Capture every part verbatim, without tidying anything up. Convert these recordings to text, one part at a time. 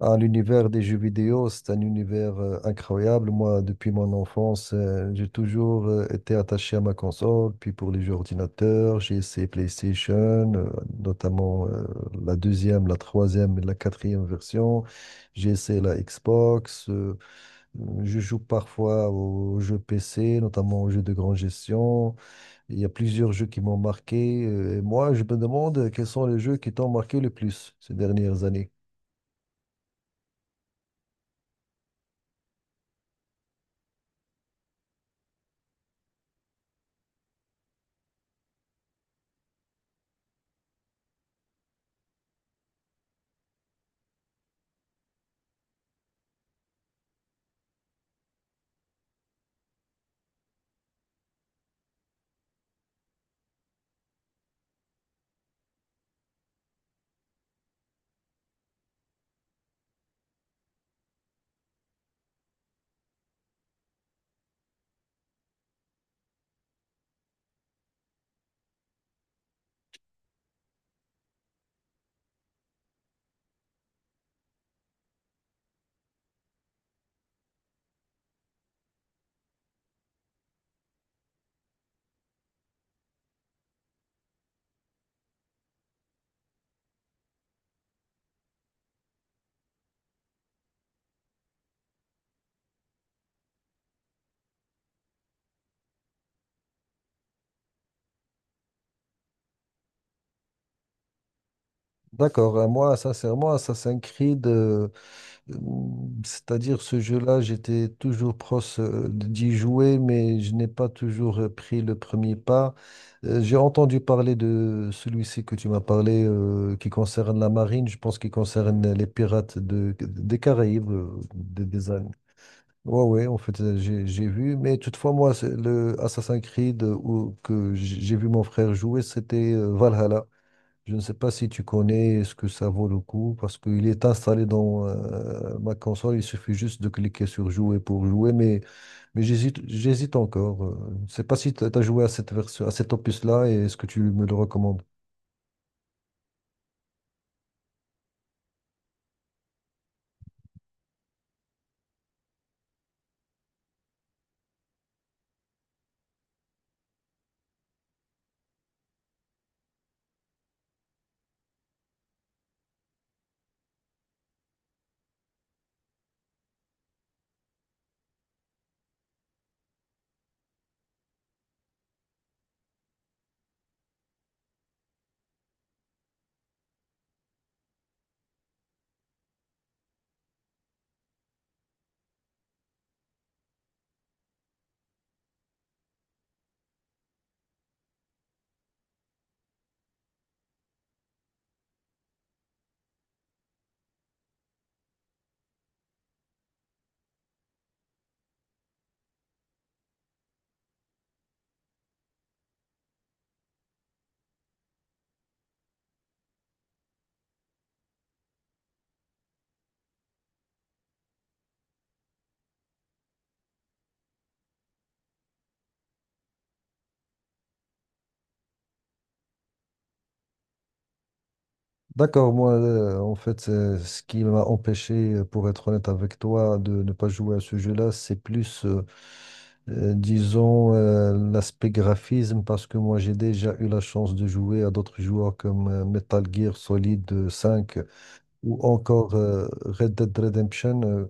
Ah, l'univers des jeux vidéo, c'est un univers euh, incroyable. Moi, depuis mon enfance, euh, j'ai toujours euh, été attaché à ma console. Puis pour les jeux ordinateurs, j'ai essayé PlayStation, euh, notamment euh, la deuxième, la troisième et la quatrième version. J'ai essayé la Xbox. Euh, je joue parfois aux jeux P C, notamment aux jeux de grande gestion. Il y a plusieurs jeux qui m'ont marqué. euh, Et moi, je me demande euh, quels sont les jeux qui t'ont marqué le plus ces dernières années. D'accord. Euh, moi sincèrement, Assassin's Creed, euh, euh, c'est-à-dire ce jeu-là, j'étais toujours proche euh, d'y jouer, mais je n'ai pas toujours euh, pris le premier pas. Euh, j'ai entendu parler de celui-ci que tu m'as parlé, euh, qui concerne la marine, je pense qu'il concerne les pirates de, des Caraïbes, euh, des, des An- Ouais, ouais, en fait, euh, j'ai, j'ai vu, mais toutefois, moi, c'est le Assassin's Creed euh, où- que j'ai vu mon frère jouer, c'était euh, Valhalla. Je ne sais pas si tu connais ce que ça vaut le coup parce qu'il est installé dans euh, ma console. Il suffit juste de cliquer sur jouer pour jouer, mais, mais j'hésite, j'hésite encore. Euh, Je ne sais pas si tu as joué à cette version, à cet opus-là et est-ce que tu me le recommandes? D'accord, moi, euh, en fait, euh, ce qui m'a empêché, euh, pour être honnête avec toi, de ne pas jouer à ce jeu-là, c'est plus, euh, euh, disons, euh, l'aspect graphisme, parce que moi, j'ai déjà eu la chance de jouer à d'autres joueurs comme euh, Metal Gear Solid euh, cinq ou encore euh, Red Dead Redemption. Euh,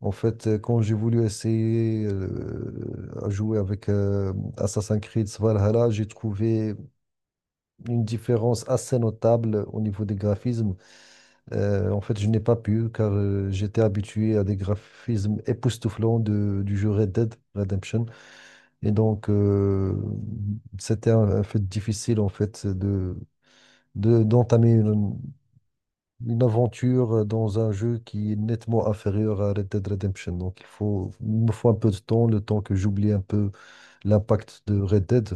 En fait, euh, quand j'ai voulu essayer euh, à jouer avec euh, Assassin's Creed Valhalla, j'ai trouvé une différence assez notable au niveau des graphismes. Euh, en fait, je n'ai pas pu car euh, j'étais habitué à des graphismes époustouflants de- du jeu Red Dead Redemption. Et donc, euh, c'était un, un fait difficile en fait de, de- d'entamer une, une aventure dans un jeu qui est nettement inférieur à Red Dead Redemption. Donc, il faut, il me faut un peu de temps, le temps que j'oublie un peu l'impact de Red Dead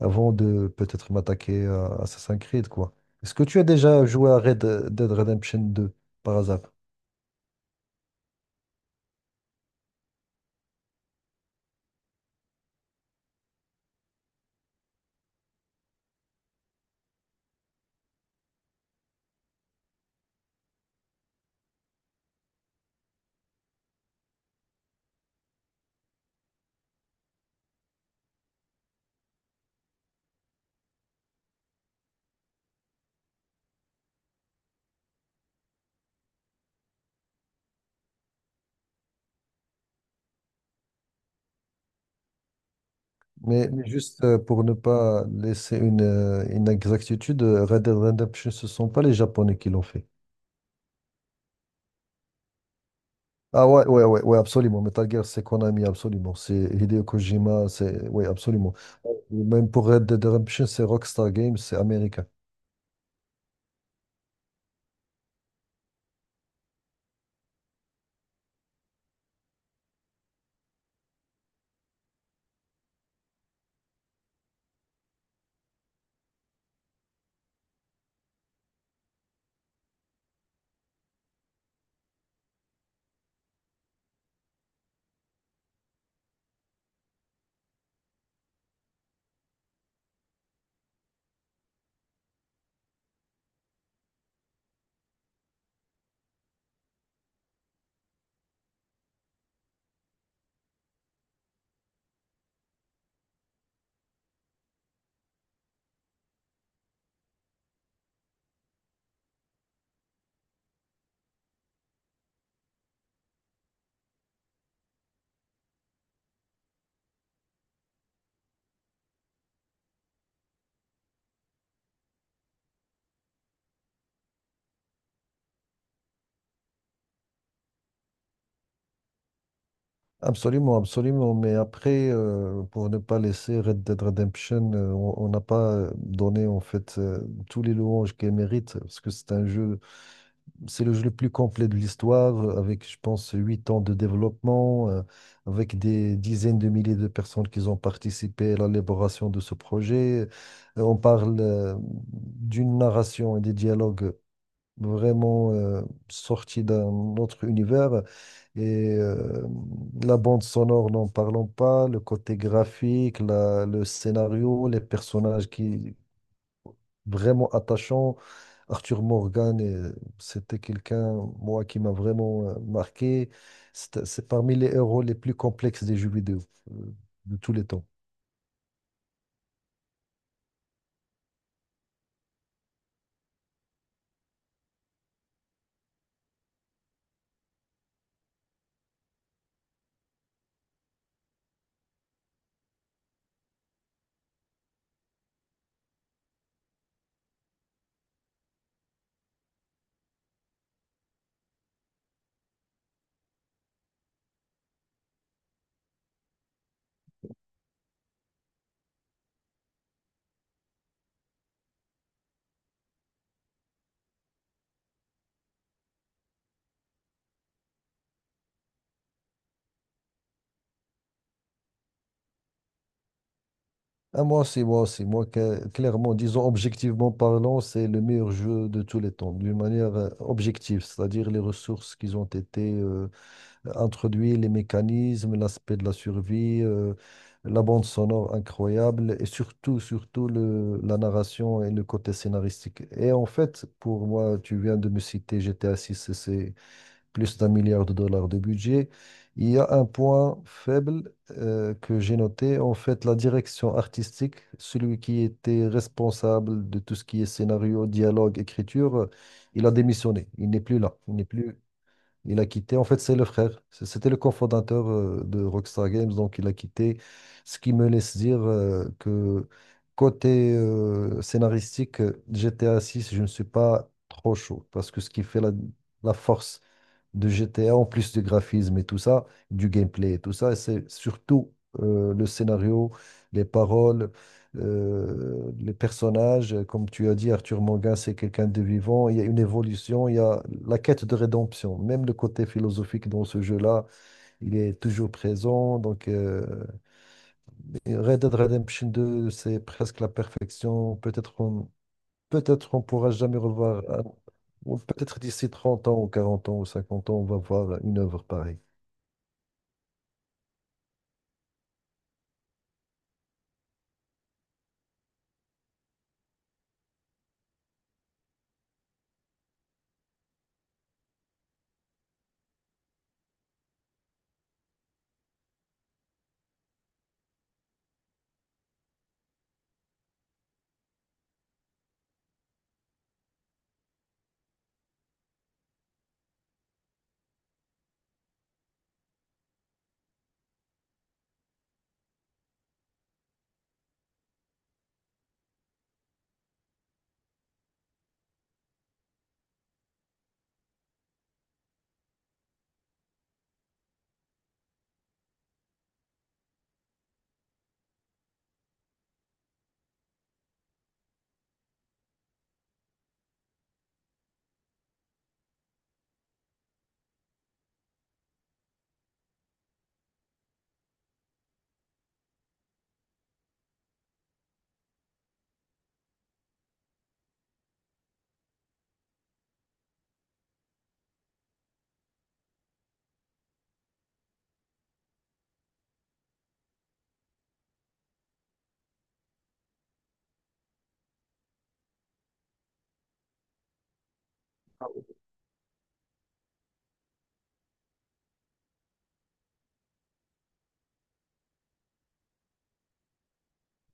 avant de peut-être m'attaquer à Assassin's Creed, quoi. Est-ce que tu as déjà joué à Red Dead Redemption deux par hasard? Mais, mais juste euh, pour ne pas laisser une, euh, une exactitude, euh, Red Dead Redemption, ce ne sont pas les Japonais qui l'ont fait. Ah ouais, ouais, ouais, ouais, absolument. Metal Gear, c'est Konami, absolument. C'est Hideo Kojima, c'est… Oui, absolument. Même pour Red Dead Redemption, c'est Rockstar Games, c'est américain. Absolument, absolument. Mais après, euh, pour ne pas laisser Red Dead Redemption, euh, on on n'a pas euh, donné en fait euh, tous les louanges qu'elle mérite, parce que c'est un jeu, c'est le jeu le plus complet de l'histoire, euh, avec, je pense, huit ans de développement, euh, avec des dizaines de milliers de personnes qui ont participé à l'élaboration de ce projet. Euh, On parle euh, d'une narration et des dialogues vraiment euh, sorti d'un autre univers. Et euh, la bande sonore, n'en parlons pas, le côté graphique, la- le scénario, les personnages qui vraiment attachants. Arthur Morgan, euh, c'était quelqu'un, moi, qui m'a vraiment euh, marqué. C'est c'est parmi les héros les plus complexes des jeux vidéo euh, de tous les temps. Ah, moi aussi, moi aussi, moi que- clairement, disons objectivement parlant, c'est le meilleur jeu de tous les temps, d'une manière euh, objective, c'est-à-dire les ressources qui ont été euh, introduites, les mécanismes, l'aspect de la survie, euh, la bande sonore incroyable et surtout, surtout le, la narration et le côté scénaristique. Et en fait, pour moi, tu viens de me citer G T A six, c'est c'est- plus d'un milliard de dollars de budget. Il y a un point faible euh, que j'ai noté, en fait, la direction artistique, celui qui était responsable de tout ce qui est scénario, dialogue, écriture, euh, il a démissionné, il n'est plus là, il n'est plus, il a quitté. En fait, c'est le frère, C- c'était le cofondateur euh, de Rockstar Games, donc il a quitté, ce qui me laisse dire euh, que côté euh, scénaristique, euh, G T A six, je ne suis pas trop chaud parce que ce qui fait la la force de G T A, en plus du graphisme et tout ça, du gameplay et tout ça. Et c'est surtout euh, le scénario, les paroles, euh, les personnages. Comme tu as dit, Arthur Morgan, c'est quelqu'un de vivant. Il y a une évolution, il y a la quête de rédemption. Même le côté philosophique dans ce jeu-là, il est toujours présent. Donc, euh, Red Dead Redemption deux, c'est presque la perfection. Peut-être on Peut-être qu'on pourra jamais revoir, un- ou peut-être d'ici trente ans ou quarante ans ou cinquante ans, on va voir une œuvre pareille.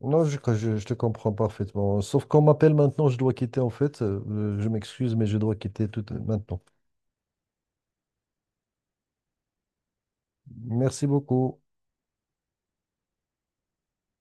Non, je, je, je te comprends parfaitement. Sauf qu'on m'appelle maintenant, je dois quitter en fait. Euh, je m'excuse, mais je dois quitter tout euh, maintenant. Merci beaucoup.